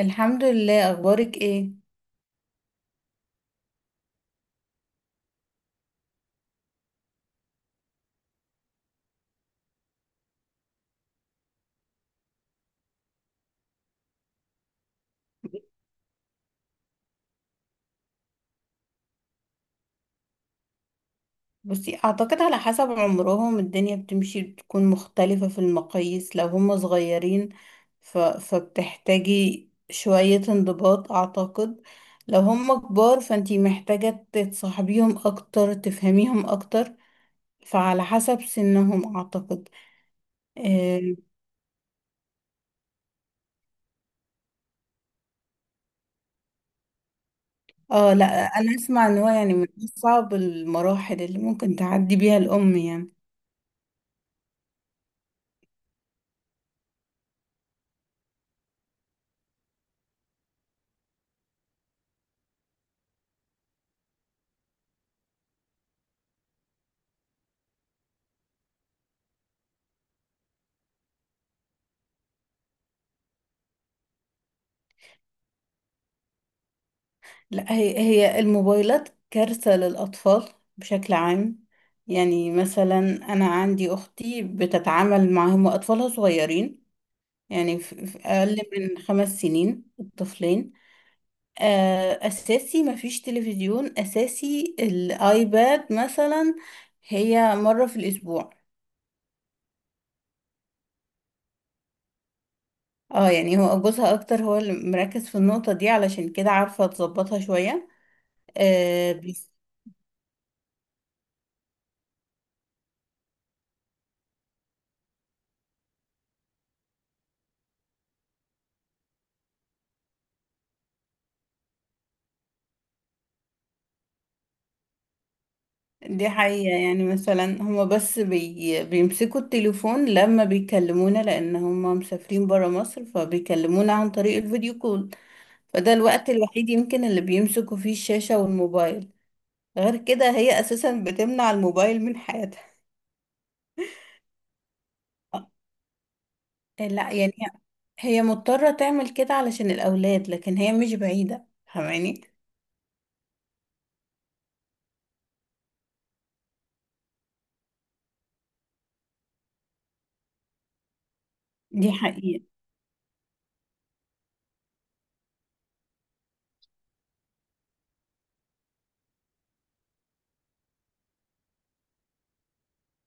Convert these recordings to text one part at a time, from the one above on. الحمد لله، اخبارك ايه؟ بصي، اعتقد على حسب عمرهم الدنيا بتمشي، بتكون مختلفة في المقاييس. لو هم صغيرين ف فبتحتاجي شوية انضباط اعتقد. لو هم كبار فانتي محتاجة تتصاحبيهم اكتر، تفهميهم اكتر. فعلى حسب سنهم اعتقد. اه. آه، لا. انا اسمع ان هو يعني من اصعب المراحل اللي ممكن تعدي بيها الام يعني. لا، هي الموبايلات كارثة للأطفال بشكل عام. يعني مثلا أنا عندي أختي بتتعامل معهم وأطفالها صغيرين. يعني في أقل من خمس سنين الطفلين. آه، أساسي مفيش تلفزيون، أساسي الآيباد مثلا هي مرة في الأسبوع. اه، يعني هو جوزها أكتر هو اللي مركز في النقطة دي، علشان كده عارفة تظبطها شوية. دي حقيقة. يعني مثلا هما بس بيمسكوا التليفون لما بيكلمونا، لأن هما مسافرين برا مصر فبيكلمونا عن طريق الفيديو كول. فده الوقت الوحيد يمكن اللي بيمسكوا فيه الشاشة والموبايل، غير كده هي أساسا بتمنع الموبايل من حياتها. آه، لا يعني هي مضطرة تعمل كده علشان الأولاد، لكن هي مش بعيدة، فاهماني. دي حقيقة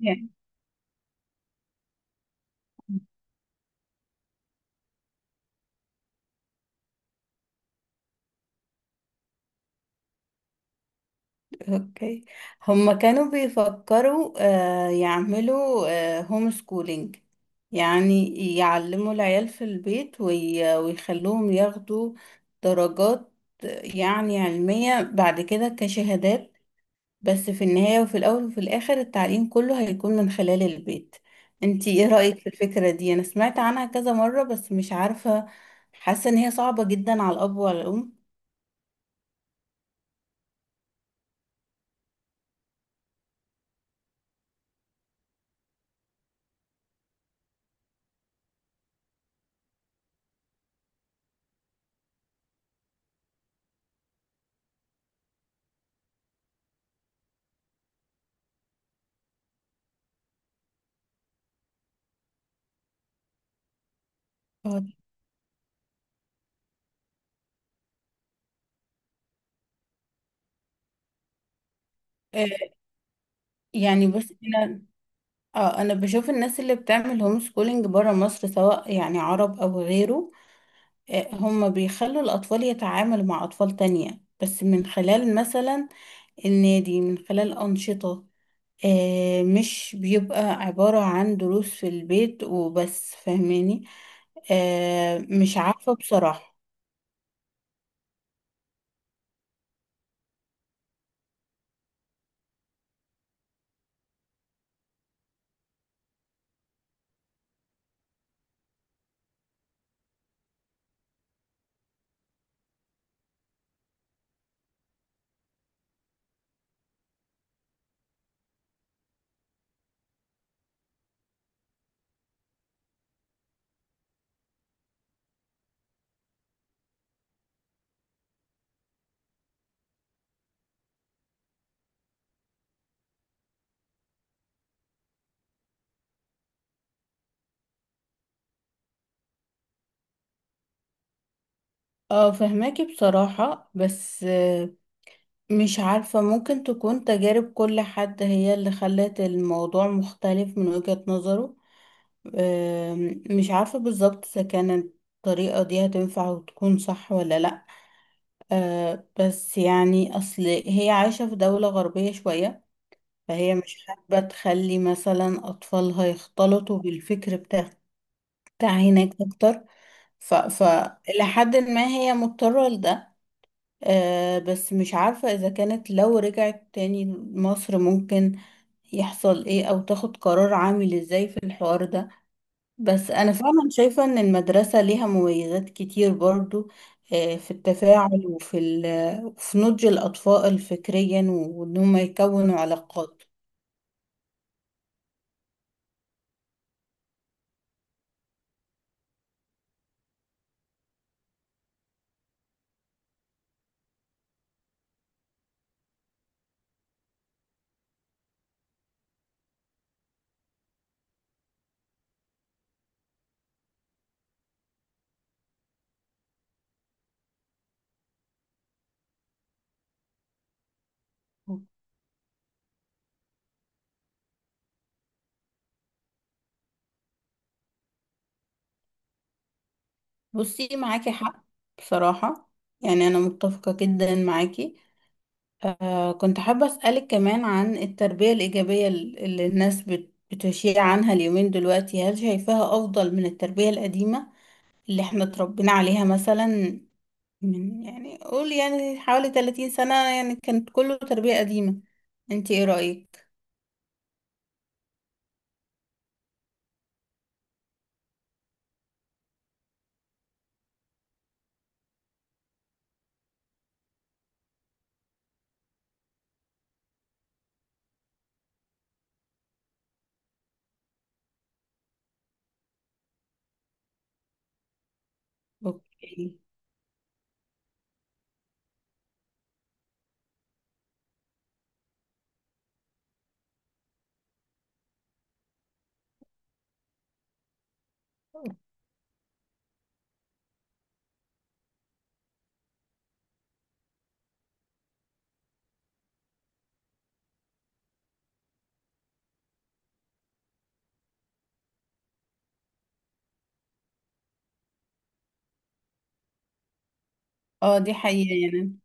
يعني. اوكي، هما كانوا بيفكروا آه، يعملوا هوم سكولينج، يعني يعلموا العيال في البيت ويخلوهم ياخدوا درجات آه، يعني علمية بعد كده كشهادات. بس في النهاية وفي الأول وفي الآخر التعليم كله هيكون من خلال البيت. انتي ايه رأيك في الفكرة دي؟ انا سمعت عنها كذا مرة بس مش عارفة، حاسة ان هي صعبة جدا على الأب وعلى الأم. آه، يعني بص، اه انا بشوف الناس اللي بتعمل هوم سكولينج بره مصر سواء يعني عرب او غيره، آه، هم بيخلوا الاطفال يتعاملوا مع اطفال تانية بس من خلال مثلا النادي، من خلال انشطة. آه، مش بيبقى عبارة عن دروس في البيت وبس، فاهماني. آه، مش عارفة بصراحة. اه، فهماكي بصراحة، بس آه، مش عارفة ممكن تكون تجارب كل حد هي اللي خلت الموضوع مختلف من وجهة نظره. مش عارفة بالظبط إذا كانت الطريقة دي هتنفع وتكون صح ولا لأ. آه، بس يعني أصل هي عايشة في دولة غربية شوية، فهي مش حابة تخلي مثلا أطفالها يختلطوا بالفكر بتاع هناك أكتر. ف... ف إلى حد ما هي مضطرة لده. آه، بس مش عارفة إذا كانت لو رجعت تاني مصر ممكن يحصل إيه، أو تاخد قرار عامل إزاي في الحوار ده. بس أنا فعلا شايفة إن المدرسة ليها مميزات كتير برضو، آه، في التفاعل وفي في نضج الأطفال فكريا، وإن هم يكونوا علاقات. بصي معاكي حق بصراحة، يعني أنا متفقة جدا معاكي. آه كنت حابة أسألك كمان عن التربية الإيجابية اللي الناس بتشيع عنها اليومين دلوقتي، هل شايفاها أفضل من التربية القديمة اللي احنا اتربينا عليها مثلا من يعني قول يعني حوالي 30 سنة؟ يعني كانت كله تربية قديمة. انت ايه رأيك؟ اوكي. اه، دي حقيقة يعني.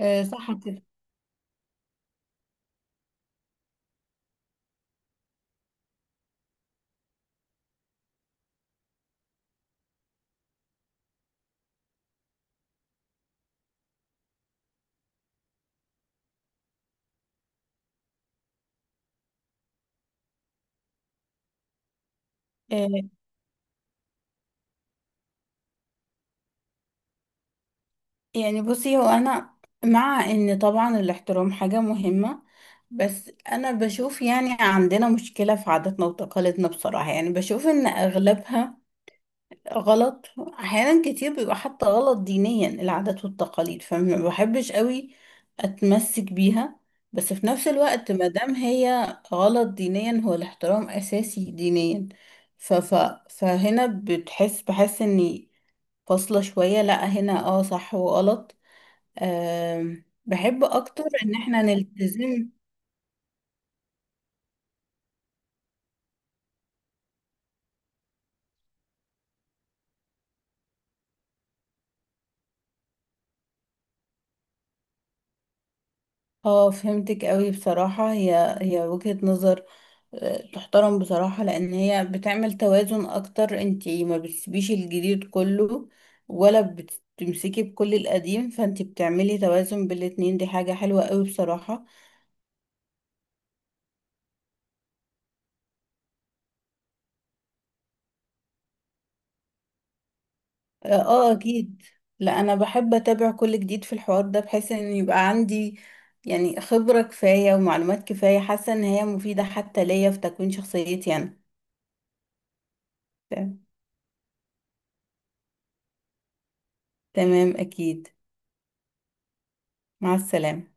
آه، صح كده. آه، يعني بصي، هو انا مع ان طبعا الاحترام حاجة مهمة، بس انا بشوف يعني عندنا مشكلة في عاداتنا وتقاليدنا بصراحة، يعني بشوف ان اغلبها غلط، احيانا كتير بيبقى حتى غلط دينيا العادات والتقاليد، فما بحبش قوي اتمسك بيها. بس في نفس الوقت ما دام هي غلط دينيا هو الاحترام اساسي دينيا، ف ف فهنا بتحس بحس اني فاصلة شوية. لا هنا اه، صح وغلط. أم، بحب اكتر ان احنا نلتزم. اه، فهمتك قوي بصراحة، هي وجهة نظر تحترم بصراحة، لأن هي بتعمل توازن أكتر. انتي ما بتسيبيش الجديد كله ولا بتمسكي بكل القديم، فانتي بتعملي توازن بالاتنين، دي حاجة حلوة قوي بصراحة. اه، آه، أكيد. لا أنا بحب أتابع كل جديد في الحوار ده بحيث إن يبقى عندي يعني خبرة كفاية ومعلومات كفاية، حاسة إن هي مفيدة حتى ليا في تكوين شخصيتي أنا. تمام أكيد. مع السلامة.